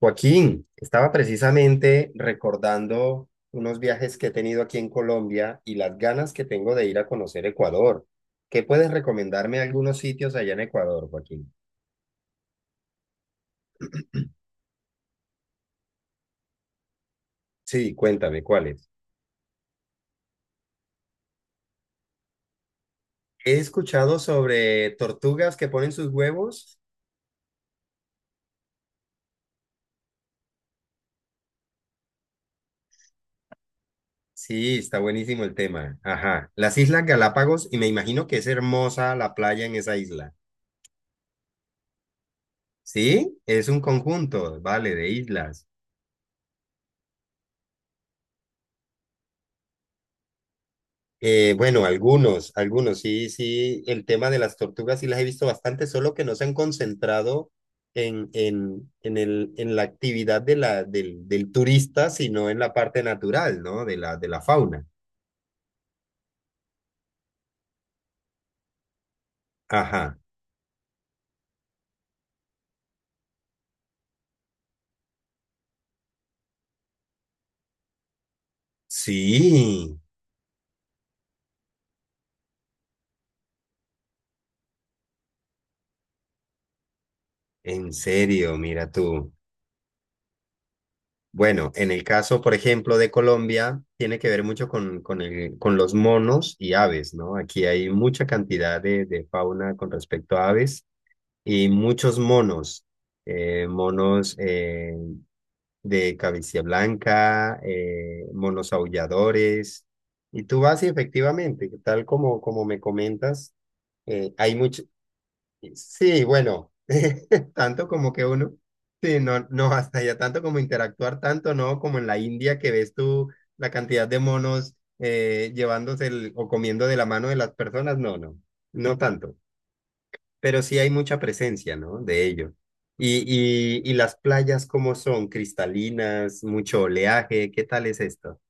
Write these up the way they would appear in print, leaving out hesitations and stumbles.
Joaquín, estaba precisamente recordando unos viajes que he tenido aquí en Colombia y las ganas que tengo de ir a conocer Ecuador. ¿Qué puedes recomendarme algunos sitios allá en Ecuador, Joaquín? Sí, cuéntame, ¿cuáles? He escuchado sobre tortugas que ponen sus huevos. Sí, está buenísimo el tema. Ajá. Las Islas Galápagos, y me imagino que es hermosa la playa en esa isla. Sí, es un conjunto, vale, de islas. Bueno, algunos, sí, sí, el tema de las tortugas sí las he visto bastante, solo que no se han concentrado en la actividad del turista, sino en la parte natural, ¿no? De la fauna. Ajá, sí, en serio, mira tú. Bueno, en el caso, por ejemplo, de Colombia, tiene que ver mucho con los monos y aves, ¿no? Aquí hay mucha cantidad de fauna con respecto a aves. Y muchos monos, monos de cabecilla blanca, monos aulladores. Y tú vas y efectivamente, tal como me comentas, hay mucho... Sí, bueno, tanto como que uno... Sí, no, no, hasta allá tanto como interactuar, tanto no como en la India, que ves tú la cantidad de monos llevándose el- o comiendo de la mano de las personas, no, no, no tanto, pero sí hay mucha presencia, ¿no? De ello. Y, y las playas, ¿cómo son? ¿Cristalinas, mucho oleaje, qué tal es esto?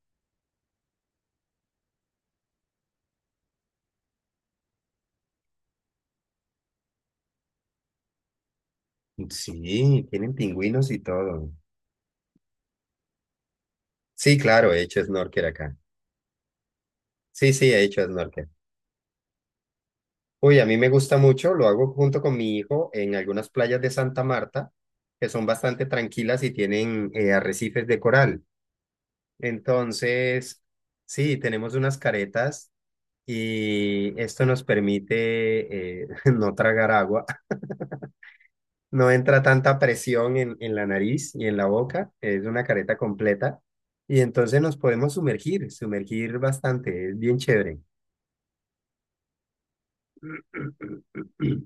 Sí, tienen pingüinos y todo. Sí, claro, he hecho snorkel acá. Sí, sí, he hecho snorkel. Uy, a mí me gusta mucho, lo hago junto con mi hijo en algunas playas de Santa Marta, que son bastante tranquilas y tienen arrecifes de coral. Entonces, sí, tenemos unas caretas y esto nos permite no tragar agua. No entra tanta presión en la nariz y en la boca, es una careta completa y entonces nos podemos sumergir bastante, es bien chévere.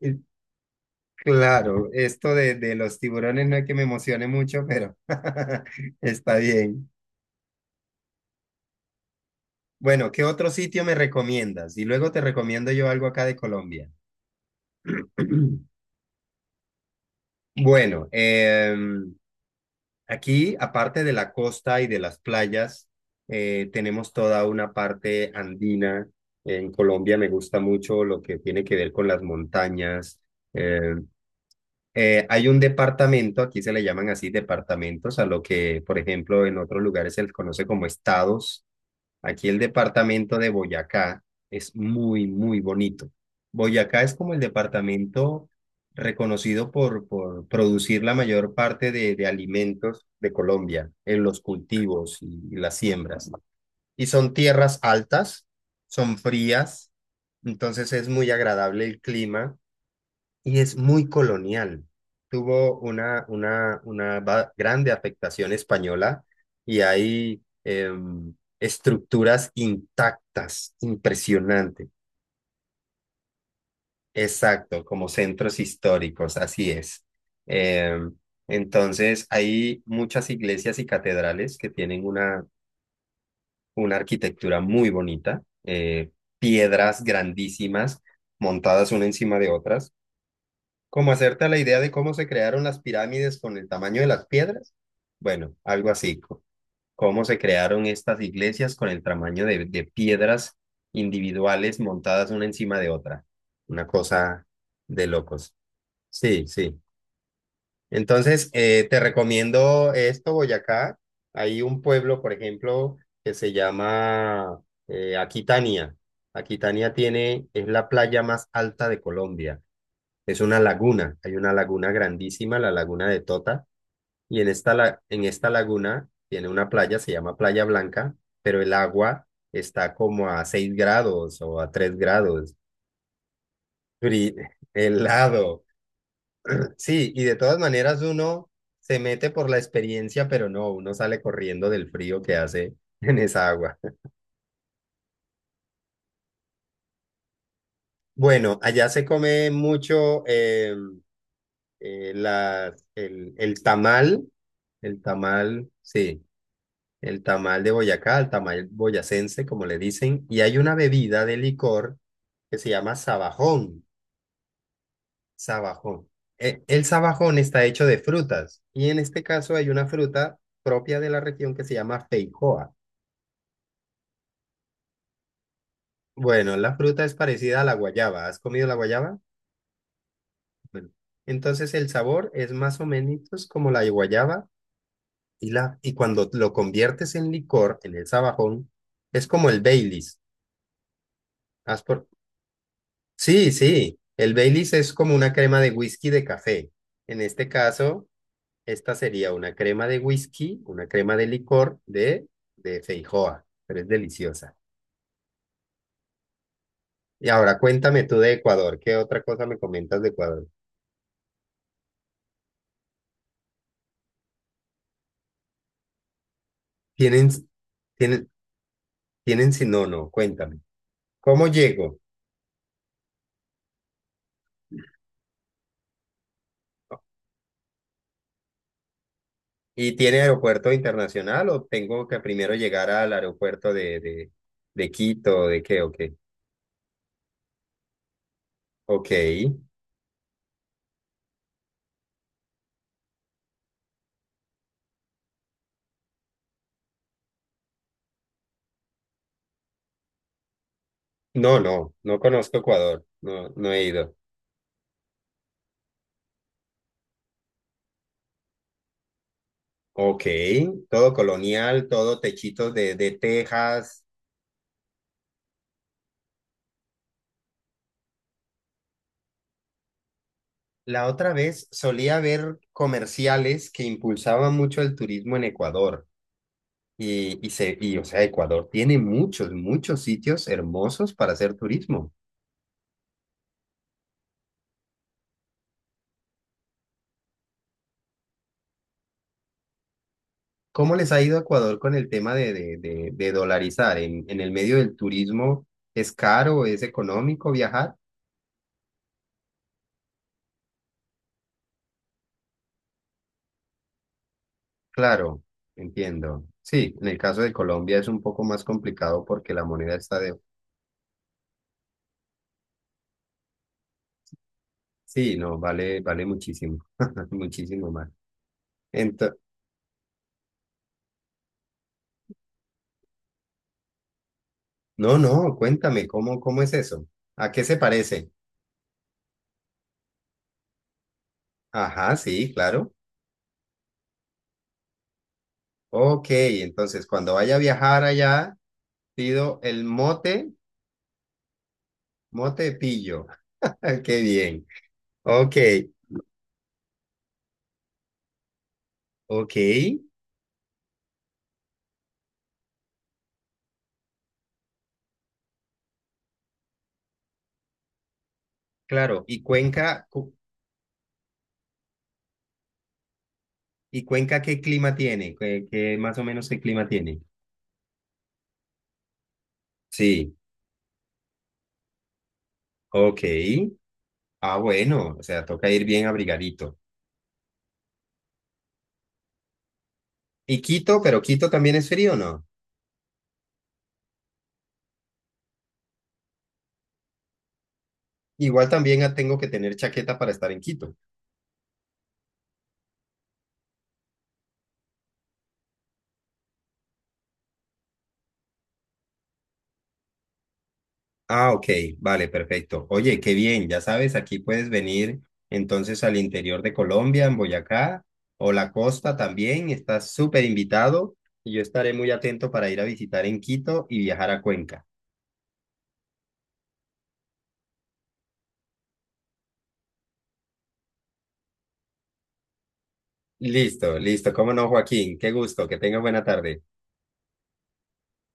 Y claro, esto de los tiburones no es que me emocione mucho, pero está bien. Bueno, ¿qué otro sitio me recomiendas? Y luego te recomiendo yo algo acá de Colombia. Bueno, aquí, aparte de la costa y de las playas, tenemos toda una parte andina. En Colombia me gusta mucho lo que tiene que ver con las montañas. Eh, hay un departamento, aquí se le llaman así departamentos, a lo que, por ejemplo, en otros lugares se les conoce como estados. Aquí el departamento de Boyacá es muy, muy bonito. Boyacá es como el departamento reconocido por producir la mayor parte de alimentos de Colombia, en los cultivos y las siembras. Y son tierras altas, son frías, entonces es muy agradable el clima y es muy colonial. Tuvo una grande afectación española y hay estructuras intactas, impresionante. Exacto, como centros históricos, así es. Em, entonces, hay muchas iglesias y catedrales que tienen una arquitectura muy bonita, piedras grandísimas montadas una encima de otras. Como hacerte a la idea de cómo se crearon las pirámides con el tamaño de las piedras. Bueno, algo así. Cómo se crearon estas iglesias con el tamaño de piedras individuales montadas una encima de otra. Una cosa de locos. Sí, sí. Entonces, te recomiendo esto, Boyacá. Hay un pueblo, por ejemplo, que se llama Aquitania. Aquitania tiene, es la playa más alta de Colombia. Es una laguna, hay una laguna grandísima, la laguna de Tota, y en esta, en esta laguna tiene una playa, se llama Playa Blanca, pero el agua está como a 6 grados o a 3 grados, fri- helado. Sí, y de todas maneras uno se mete por la experiencia, pero no, uno sale corriendo del frío que hace en esa agua. Bueno, allá se come mucho eh, la- el, el tamal, el tamal, sí. El tamal de Boyacá, el tamal boyacense, como le dicen, y hay una bebida de licor que se llama sabajón. Sabajón. El sabajón está hecho de frutas, y en este caso hay una fruta propia de la región que se llama feijoa. Bueno, la fruta es parecida a la guayaba. ¿Has comido la guayaba? Bueno, entonces el sabor es más o menos como la guayaba, y, la, y cuando lo conviertes en licor, en el sabajón, es como el Baileys. ¿Has por sí, sí, el Baileys es como una crema de whisky de café. En este caso, esta sería una crema de whisky, una crema de licor de feijoa, pero es deliciosa. Y ahora cuéntame tú de Ecuador, ¿qué otra cosa me comentas de Ecuador? ¿Tienen, tienen, si no, no, cuéntame. ¿Cómo llego? ¿Y tiene aeropuerto internacional o tengo que primero llegar al aeropuerto de Quito, de qué, o qué? Ok, no, no, no conozco Ecuador, no, no he ido. Ok, todo colonial, todo techitos de tejas. La otra vez solía ver comerciales que impulsaban mucho el turismo en Ecuador. O sea, Ecuador tiene muchos, muchos sitios hermosos para hacer turismo. ¿Cómo les ha ido a Ecuador con el tema de dolarizar? En el medio del turismo es caro, es económico viajar? Claro, entiendo. Sí, en el caso de Colombia es un poco más complicado porque la moneda está... Sí, no, vale, vale muchísimo, muchísimo más. Ento- no, no, cuéntame, ¿cómo, cómo es eso? ¿A qué se parece? Ajá, sí, claro. Ok, entonces cuando vaya a viajar allá, pido el mote, mote de pillo. Qué bien. Ok, ok, claro. ¿Y Cuenca, cu- y Cuenca qué clima tiene? ¿Qué, qué más o menos qué clima tiene? Sí, ok. Ah, bueno, o sea, toca ir bien abrigadito. ¿Y Quito, pero Quito también es frío, ¿no? Igual también ah, tengo que tener chaqueta para estar en Quito. Ah, ok, vale, perfecto. Oye, qué bien, ya sabes, aquí puedes venir entonces al interior de Colombia, en Boyacá o la costa también, estás súper invitado y yo estaré muy atento para ir a visitar en Quito y viajar a Cuenca. Listo, listo, cómo no, Joaquín, qué gusto, que tengas buena tarde.